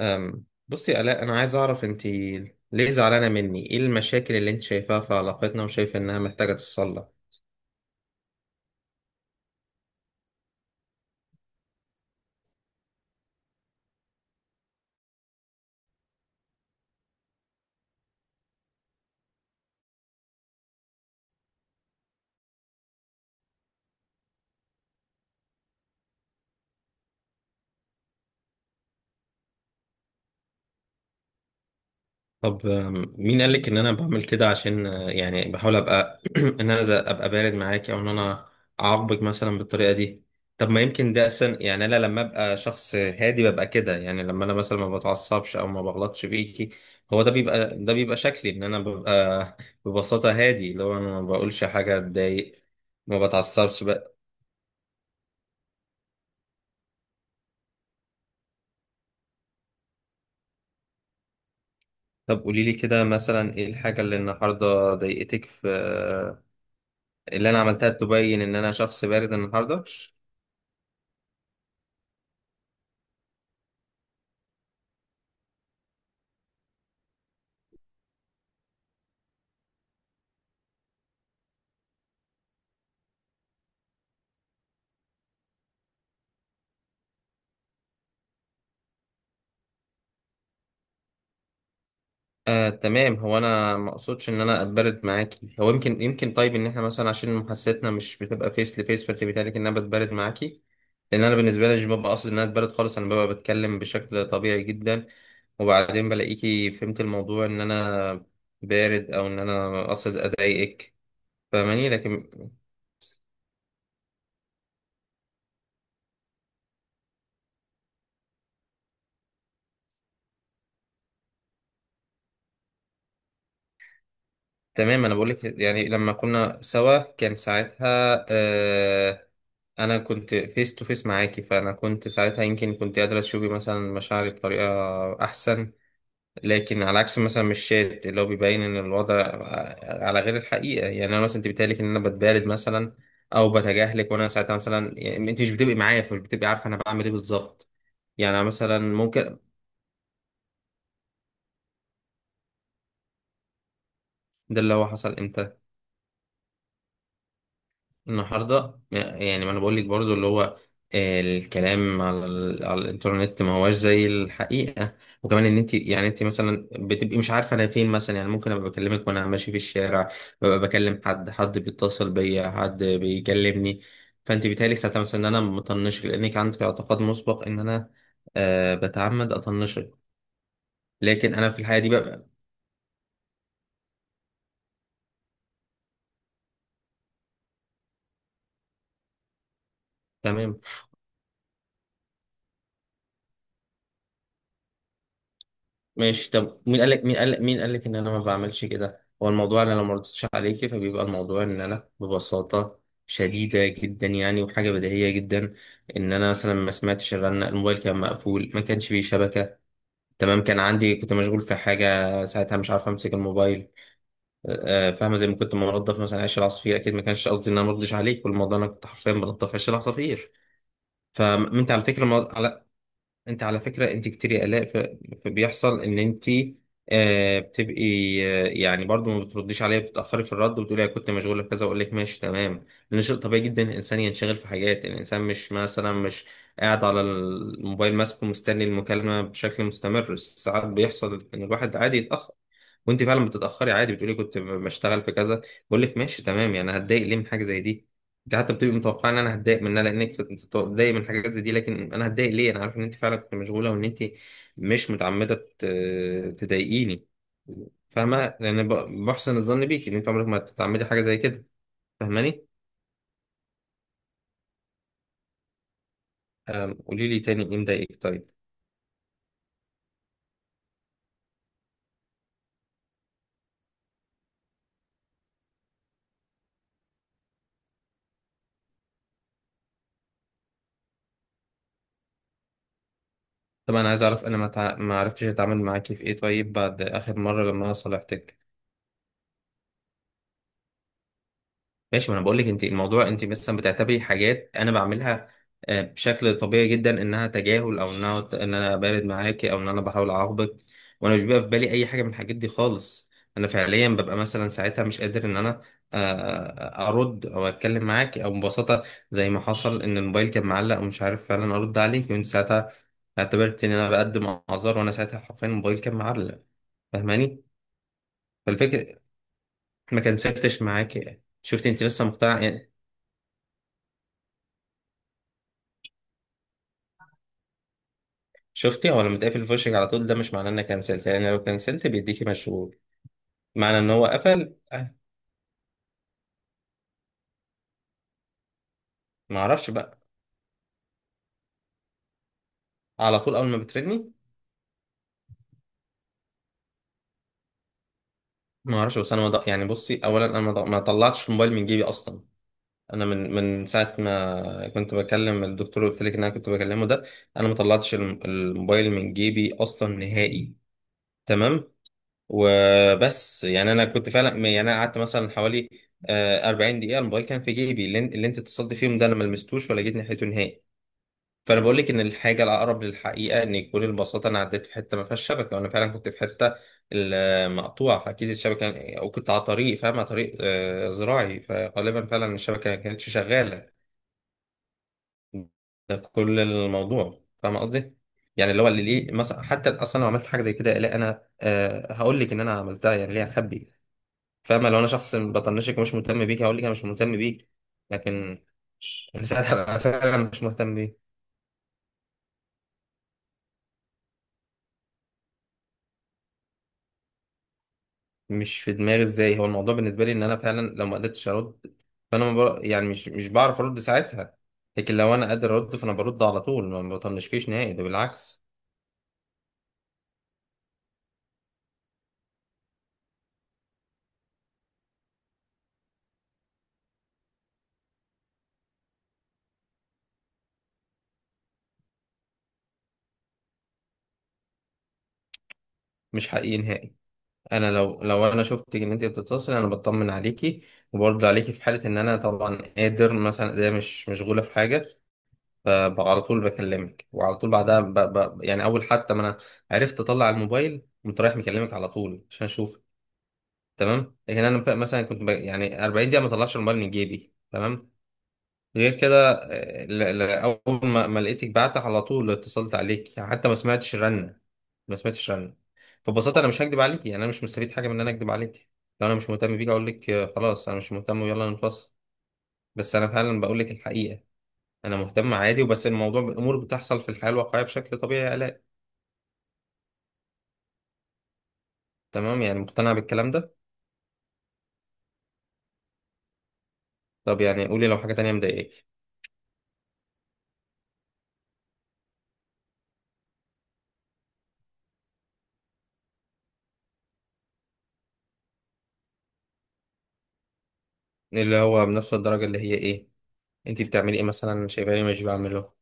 بصي يا آلاء، أنا عايز أعرف أنت ليه زعلانة مني؟ إيه المشاكل اللي أنت شايفاها في علاقتنا وشايفة إنها محتاجة تتصلح؟ طب مين قالك إن أنا بعمل كده عشان يعني بحاول أبقى إن أنا أبقى بارد معاكي أو إن أنا أعاقبك مثلا بالطريقة دي؟ طب ما يمكن ده أصلا، يعني أنا لما أبقى شخص هادي ببقى كده، يعني لما أنا مثلا ما بتعصبش أو ما بغلطش فيكي هو ده بيبقى شكلي إن أنا ببقى ببساطة هادي، اللي هو أنا ما بقولش حاجة تضايق. ما بتعصبش. طب قولي لي كده مثلا ايه الحاجة اللي النهاردة ضايقتك في اللي انا عملتها تبين ان انا شخص بارد النهاردة. تمام، هو انا ما اقصدش ان انا اتبرد معاكي، هو يمكن طيب ان احنا مثلا عشان محادثتنا مش بتبقى فيس لفيس، فانت بيتهيألك ان انا بتبرد معاكي. لان انا بالنسبة لي مش ببقى قاصد ان انا اتبرد خالص، انا ببقى بتكلم بشكل طبيعي جدا، وبعدين بلاقيكي فهمت الموضوع ان انا بارد او ان انا قاصد اضايقك. فاهماني؟ لكن تمام، انا بقول لك، يعني لما كنا سوا كان ساعتها، انا كنت فيس تو فيس معاكي، فانا كنت ساعتها، يمكن كنت قادره تشوفي مثلا مشاعري بطريقه احسن. لكن على عكس مثلا، مش الشات اللي هو بيبين ان الوضع على غير الحقيقه، يعني انا مثلا انت بتقالك ان انا بتبارد مثلا او بتجاهلك، وانا ساعتها مثلا يعني انت مش بتبقي معايا فمش بتبقي عارفه انا بعمل ايه بالظبط. يعني أنا مثلا ممكن. ده اللي هو حصل امتى؟ النهارده؟ يعني ما انا بقول لك برضو، اللي هو الكلام على، على الانترنت ما هواش زي الحقيقه. وكمان ان انت، يعني انت مثلا بتبقي مش عارفه انا فين مثلا، يعني ممكن ابقى بكلمك وانا ماشي في الشارع، ببقى بكلم حد بيتصل بيا، حد بيكلمني، فانت بيتهيألك ساعتها مثلا ان انا مطنشك، لانك عندك اعتقاد مسبق ان انا أه بتعمد اطنشك. لكن انا في الحقيقه دي ببقى. تمام، ماشي. طب مين قال لك، مين قال لك ان انا ما بعملش كده؟ هو الموضوع انا لو ما ردتش عليكي فبيبقى الموضوع ان انا ببساطه شديده جدا، يعني وحاجه بديهيه جدا ان انا مثلا ما سمعتش الرنه، الموبايل كان مقفول، ما كانش فيه شبكه، تمام؟ كان عندي، كنت مشغول في حاجه ساعتها مش عارف امسك الموبايل. فاهمه؟ زي ما كنت منظف مثلا عيش العصافير، اكيد ما كانش قصدي ان انا ما ردش عليك، والموضوع انا كنت حرفيا بنظف عيش العصافير. فانت على فكره، انت على فكرة انت كتير قلق فبيحصل ان انت آه بتبقي آه، يعني برضو ما بترديش عليا، بتتأخري في الرد وبتقولي انا كنت مشغولة بكذا، اقول لك ماشي تمام، لان شيء طبيعي جدا الانسان ينشغل في حاجات. يعني الانسان مش مثلا مش قاعد على الموبايل ماسكه مستني المكالمة بشكل مستمر، ساعات بيحصل ان الواحد عادي يتأخر. وانت فعلا بتتاخري عادي، بتقولي كنت بشتغل في كذا، بقول لك ماشي تمام، يعني هتضايق ليه من حاجه زي دي؟ انت حتى بتبقي متوقعه ان انا هتضايق منها لانك بتضايق من حاجات زي دي، لكن انا هتضايق ليه؟ انا عارف ان انت فعلا كنت مشغوله وان انت مش متعمده تضايقيني. فاهمه؟ لان بحسن الظن بيكي ان انت عمرك ما تتعمدي حاجه زي كده. فاهماني؟ قولي لي تاني ايه مضايقك، طيب. طب انا عايز اعرف انا ما عرفتش اتعامل معاكي في ايه طيب بعد اخر مره لما انا صالحتك؟ ماشي، ما انا بقول لك انت الموضوع، انت مثلا بتعتبري حاجات انا بعملها بشكل طبيعي جدا انها تجاهل، او انها ان انا بارد معاكي، او ان انا بحاول اعاقبك، وانا مش بيبقى في بالي اي حاجه من الحاجات دي خالص. انا فعليا ببقى مثلا ساعتها مش قادر ان انا ارد او اتكلم معاكي، او ببساطه زي ما حصل ان الموبايل كان معلق ومش عارف فعلا ارد عليك، وانت ساعتها اعتبرت ان انا بقدم اعذار، وانا ساعتها حرفيا الموبايل كان معلق. فاهماني؟ فالفكره ما كنسلتش معاكي، شفت؟ انت لسه مقتنعه يعني. شفتي هو لما تقفل في وشك على طول ده مش معناه انك كنسلت، لان لو كنسلت بيديكي مشغول، معنى ان هو قفل أه. ما اعرفش بقى، على طول اول ما بترني. ما اعرفش، بس انا ما ض- يعني بصي، اولا انا ما طلعتش الموبايل من جيبي اصلا. انا من ساعه ما كنت بكلم الدكتور اللي قلت لك ان انا كنت بكلمه ده، انا ما طلعتش الموبايل من جيبي اصلا نهائي، تمام؟ وبس، يعني انا كنت فعلا، يعني انا قعدت مثلا حوالي 40 دقيقه الموبايل كان في جيبي، اللي انت اتصلت فيهم ده انا ما لمستوش ولا جيت ناحيته نهائي. فانا بقول لك ان الحاجه الاقرب للحقيقه ان يكون البساطه انا عديت في حته ما فيهاش شبكه، وانا فعلا كنت في حته المقطوعه، فاكيد الشبكه، او كنت على طريق، فاهم، على طريق زراعي، فغالبا فعلا الشبكه ما كانتش شغاله. ده كل الموضوع، فاهم قصدي؟ يعني اللي هو، اللي ليه مثلا حتى اصلا لو عملت حاجه زي كده، لا انا هقول لك ان انا عملتها، يعني ليه اخبي؟ فاهمه؟ لو انا شخص بطنشك ومش مهتم بيك هقول لك انا مش مهتم بيك. لكن انا ساعتها أبقى فعلا مش مهتم بيك. مش في دماغي ازاي؟ هو الموضوع بالنسبه لي ان انا فعلا لو ما قدرتش ارد فانا ما بر... يعني مش بعرف ارد ساعتها، لكن لو انا قادر ارد فانا برد على طول، ما بطنشكيش نهائي، ده بالعكس. مش حقيقي نهائي. انا لو انا شفتك ان انت بتتصل انا بطمن عليكي وبرد عليكي في حاله ان انا طبعا قادر، مثلا ده مش مشغوله في حاجه، فعلى طول بكلمك، وعلى طول بعدها يعني اول حتى ما انا عرفت اطلع الموبايل قمت رايح مكلمك على طول عشان اشوف، تمام؟ لكن انا مثلا كنت يعني 40 دقيقه ما اطلعش الموبايل من جيبي، تمام؟ غير كده اول ما لقيتك بعت على طول اتصلت عليك، حتى ما سمعتش رنه، ما سمعتش رنه. فببساطه انا مش هكدب عليك، يعني انا مش مستفيد حاجه من ان انا اكدب عليك. لو انا مش مهتم بيك اقول لك خلاص انا مش مهتم ويلا نتواصل. بس انا فعلا بقول لك الحقيقه، انا مهتم عادي، وبس الموضوع امور بتحصل في الحياه الواقعيه بشكل طبيعي يا الاء. تمام، يعني مقتنع بالكلام ده؟ طب يعني قولي لو حاجه تانية مضايقاك. اللي هو بنفس الدرجه اللي هي ايه؟ انتي بتعملي ايه مثلا شايفاني مش بعمله؟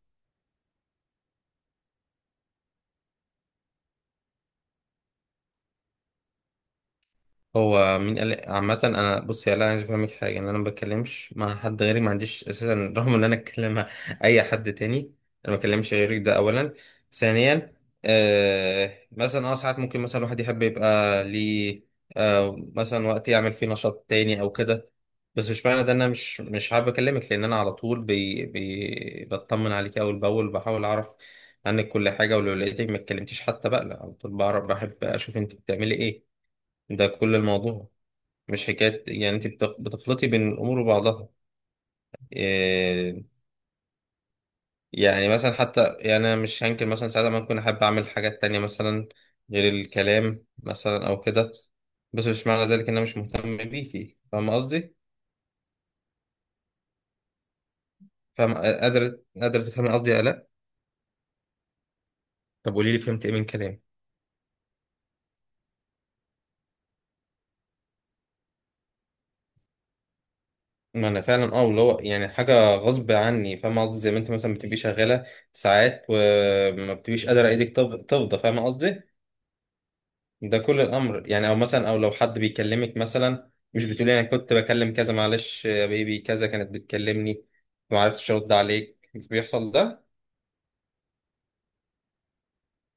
هو مين قال؟ عامة انا بصي، انا عايز افهمك حاجة، ان انا ما بتكلمش مع حد غيري، ما عنديش اساسا، رغم ان انا اتكلم مع اي حد تاني، انا ما بتكلمش غيرك، ده اولا. ثانيا، آه مثلا اه ساعات ممكن مثلا الواحد يحب يبقى ليه آه مثلا وقت يعمل فيه نشاط تاني او كده، بس مش معنى ده ان انا مش حابب اكلمك، لان انا على طول بي بي بطمن عليك اول باول، بحاول اعرف عنك كل حاجة، ولو لقيتك ما اتكلمتيش حتى بقى لا، على طول بعرف، بحب اشوف انت بتعملي ايه. ده كل الموضوع، مش حكاية. يعني انت بتخلطي بين الامور وبعضها. إيه؟ يعني مثلا، حتى يعني انا مش هنكر مثلا ساعات ما كنت احب اعمل حاجات تانية مثلا غير الكلام مثلا او كده، بس مش معنى ذلك ان انا مش مهتم بيكي. فاهم قصدي؟ فاهم؟ قادر، تفهمي قصدي ولا لا؟ طب قولي لي فهمت ايه من كلامي؟ ما انا فعلا اه اللي هو يعني حاجه غصب عني، فاهمه قصدي؟ زي ما انت مثلا بتبقي شغاله ساعات وما بتبقيش قادره ايدك تفضى، فاهمه قصدي؟ ده كل الامر، يعني او مثلا او لو حد بيكلمك مثلا مش بتقولي انا كنت بكلم كذا معلش يا بيبي كذا كانت بتكلمني ما عرفتش ارد عليك، مش بيحصل ده.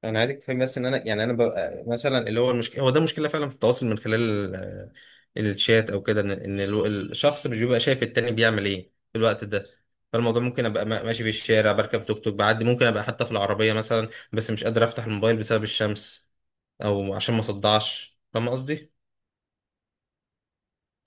انا عايزك تفهمي بس ان انا، يعني انا ببقى مثلا اللي هو، المشكله هو ده مشكله فعلا في التواصل من خلال الشات او كده، ان الشخص مش بيبقى شايف التاني بيعمل ايه في الوقت ده. فالموضوع ممكن ابقى ماشي في الشارع، بركب توك توك بعدي، ممكن ابقى حتى في العربيه مثلا بس مش قادر افتح الموبايل بسبب الشمس، او عشان ما صدعش، فاهم قصدي؟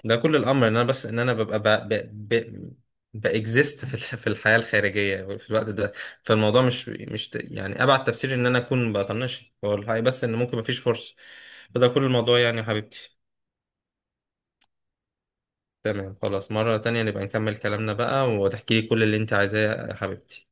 ده كل الامر، ان انا بس ان انا ببقى ب... ب... ب... باكزيست في في الحياه الخارجيه في الوقت ده. فالموضوع مش يعني ابعد تفسير ان انا اكون بطنش هو الحقيقه، بس ان ممكن مفيش فرصه. فده كل الموضوع يعني يا حبيبتي. تمام، خلاص. مره تانية نبقى نكمل كلامنا بقى وتحكي لي كل اللي انت عايزاه يا حبيبتي.